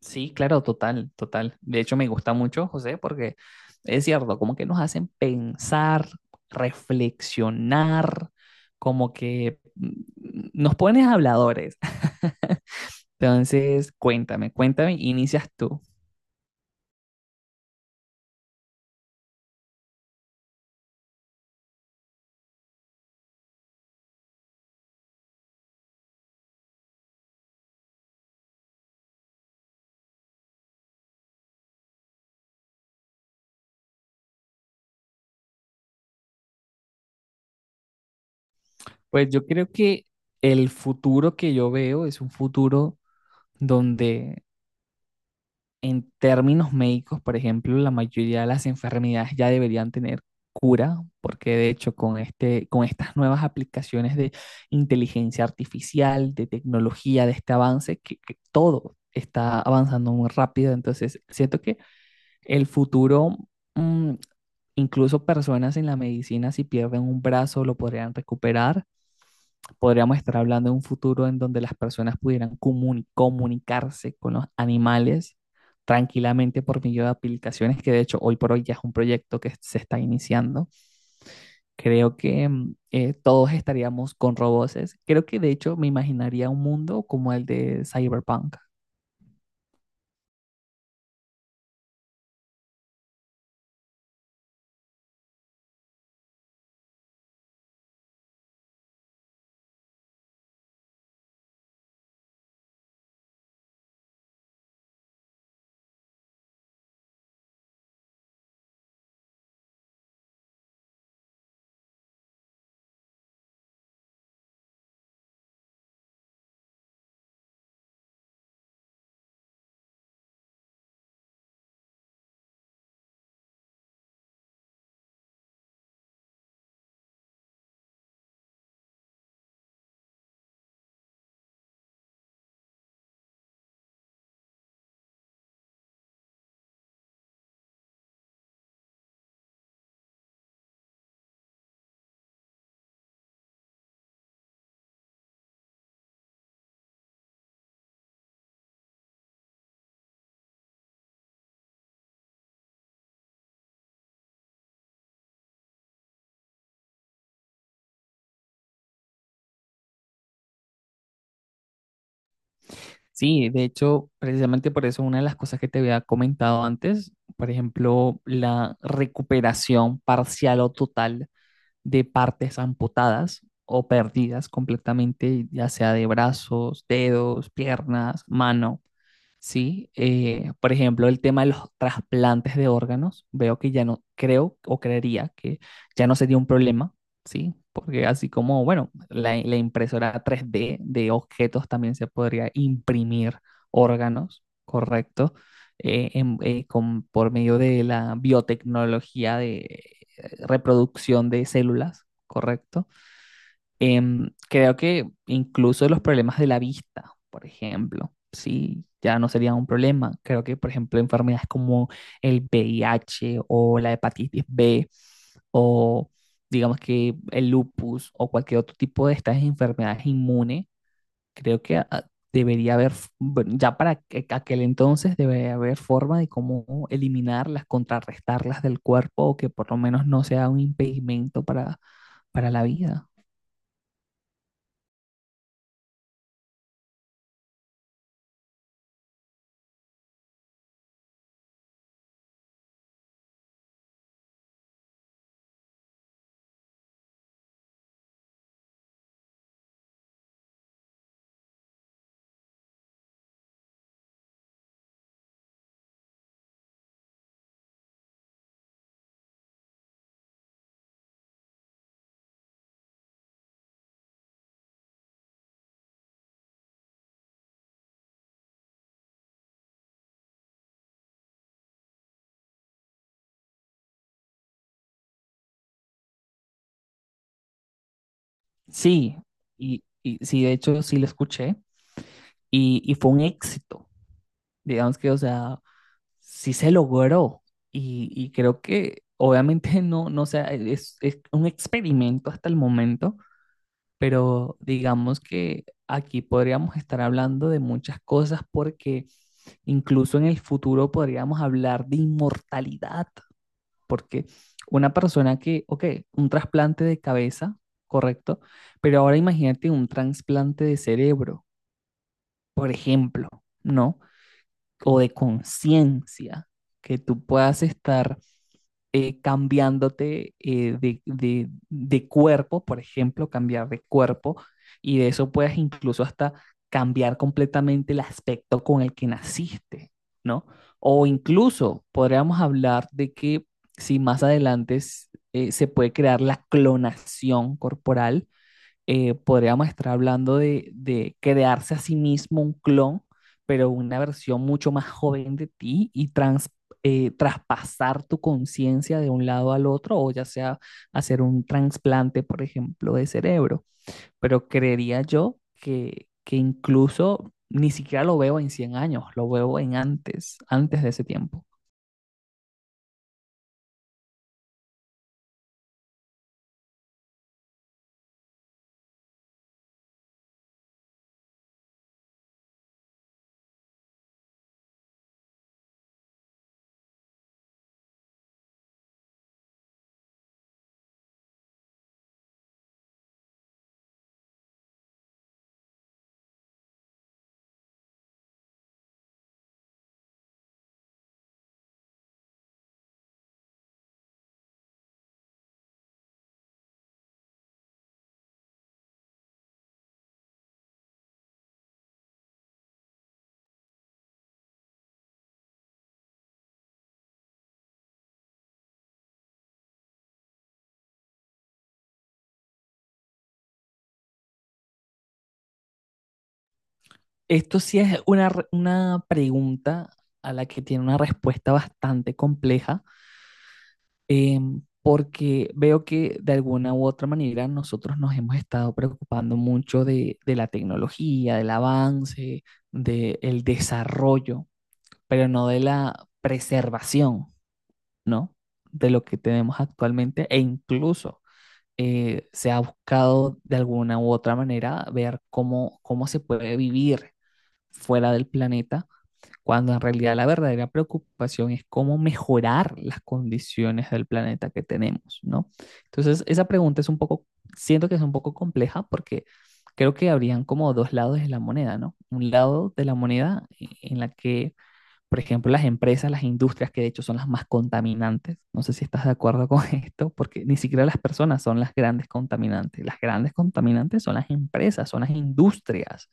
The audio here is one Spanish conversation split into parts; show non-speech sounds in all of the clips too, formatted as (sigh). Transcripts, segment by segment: Sí, claro, total, total. De hecho, me gusta mucho, José, porque es cierto, como que nos hacen pensar, reflexionar, como que mm, nos pones habladores. (laughs) Entonces, cuéntame, cuéntame, inicias tú. Pues yo creo que el futuro que yo veo es un futuro donde, en términos médicos, por ejemplo, la mayoría de las enfermedades ya deberían tener cura, porque de hecho con estas nuevas aplicaciones de inteligencia artificial, de tecnología, de este avance, que todo está avanzando muy rápido. Entonces, siento que el futuro, mm, incluso personas en la medicina, si pierden un brazo, lo podrían recuperar. Podríamos estar hablando de un futuro en donde las personas pudieran comunicarse con los animales tranquilamente por medio de aplicaciones, que de hecho hoy por hoy ya es un proyecto que se está iniciando. Creo que todos estaríamos con robots. Creo que de hecho me imaginaría un mundo como el de Cyberpunk. Sí, de hecho, precisamente por eso, una de las cosas que te había comentado antes, por ejemplo, la recuperación parcial o total de partes amputadas o perdidas completamente, ya sea de brazos, dedos, piernas, mano. Sí, por ejemplo, el tema de los trasplantes de órganos, veo que ya no creo o creería que ya no sería un problema, ¿sí? Porque así como, bueno, la impresora 3D de objetos también se podría imprimir órganos, ¿correcto? Por medio de la biotecnología de reproducción de células, ¿correcto? Creo que incluso los problemas de la vista, por ejemplo, sí, ya no serían un problema. Creo que, por ejemplo, enfermedades como el VIH o la hepatitis B, o digamos que el lupus o cualquier otro tipo de estas enfermedades inmunes, creo que debería haber, bueno, ya para aquel entonces debería haber forma de cómo eliminarlas, contrarrestarlas del cuerpo, o que por lo menos no sea un impedimento para la vida. Sí, y sí, de hecho sí lo escuché y fue un éxito. Digamos que, o sea, sí se logró, y creo que obviamente no, no sea, es un experimento hasta el momento, pero digamos que aquí podríamos estar hablando de muchas cosas, porque incluso en el futuro podríamos hablar de inmortalidad, porque una persona que, ok, un trasplante de cabeza, correcto, pero ahora imagínate un trasplante de cerebro, por ejemplo, ¿no? O de conciencia, que tú puedas estar cambiándote de cuerpo, por ejemplo, cambiar de cuerpo, y de eso puedes incluso hasta cambiar completamente el aspecto con el que naciste, ¿no? O incluso podríamos hablar de que, si más adelante se puede crear la clonación corporal, podríamos estar hablando de crearse a sí mismo un clon, pero una versión mucho más joven de ti, y traspasar tu conciencia de un lado al otro, o ya sea hacer un trasplante, por ejemplo, de cerebro. Pero creería yo que incluso ni siquiera lo veo en 100 años, lo veo en antes, antes de ese tiempo. Esto sí es una pregunta a la que tiene una respuesta bastante compleja, porque veo que de alguna u otra manera nosotros nos hemos estado preocupando mucho de la tecnología, del avance, del desarrollo, pero no de la preservación, ¿no? De lo que tenemos actualmente. E incluso se ha buscado de alguna u otra manera ver cómo se puede vivir fuera del planeta, cuando en realidad la verdadera preocupación es cómo mejorar las condiciones del planeta que tenemos, ¿no? Entonces, esa pregunta es un poco, siento que es un poco compleja, porque creo que habrían como dos lados de la moneda, ¿no? Un lado de la moneda en la que, por ejemplo, las empresas, las industrias, que de hecho son las más contaminantes, no sé si estás de acuerdo con (laughs) esto, porque ni siquiera las personas son las grandes contaminantes; las grandes contaminantes son las empresas, son las industrias.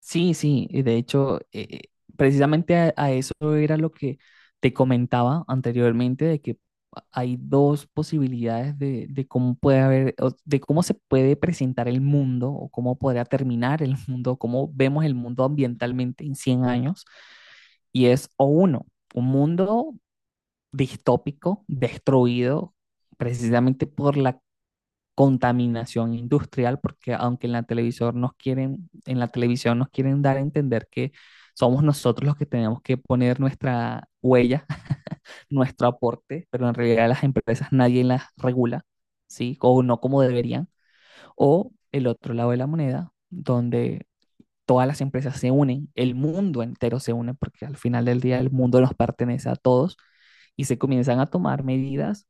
Sí, sí, y de hecho, precisamente a eso era lo que te comentaba anteriormente, de que hay dos posibilidades de, cómo puede haber, o de cómo se puede presentar el mundo, o cómo podría terminar el (laughs) mundo, cómo vemos el mundo ambientalmente en 100 años. Y es, o uno, un mundo distópico, destruido precisamente por la contaminación industrial, porque aunque en la televisión nos quieren, en la televisión nos quieren dar a entender que somos nosotros los que tenemos que poner nuestra huella, (laughs) nuestro aporte, pero en realidad las empresas nadie las regula, ¿sí? O no como deberían. O el otro lado de la moneda, donde todas las empresas se unen, el mundo entero se une, porque al final del día el mundo nos pertenece a todos, y se comienzan a tomar medidas,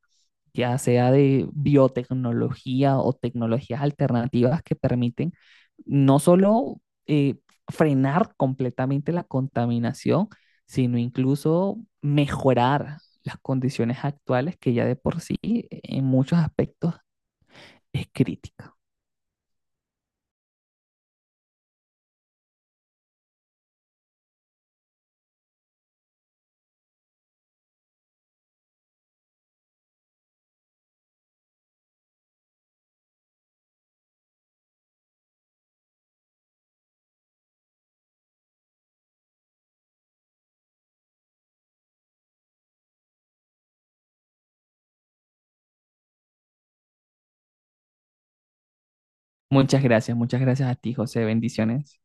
ya sea de biotecnología o tecnologías alternativas que permiten no solo eh, frenar completamente la contaminación, sino incluso mejorar las condiciones actuales, que ya de por sí en muchos aspectos es crítica. Muchas gracias a ti, José. Bendiciones.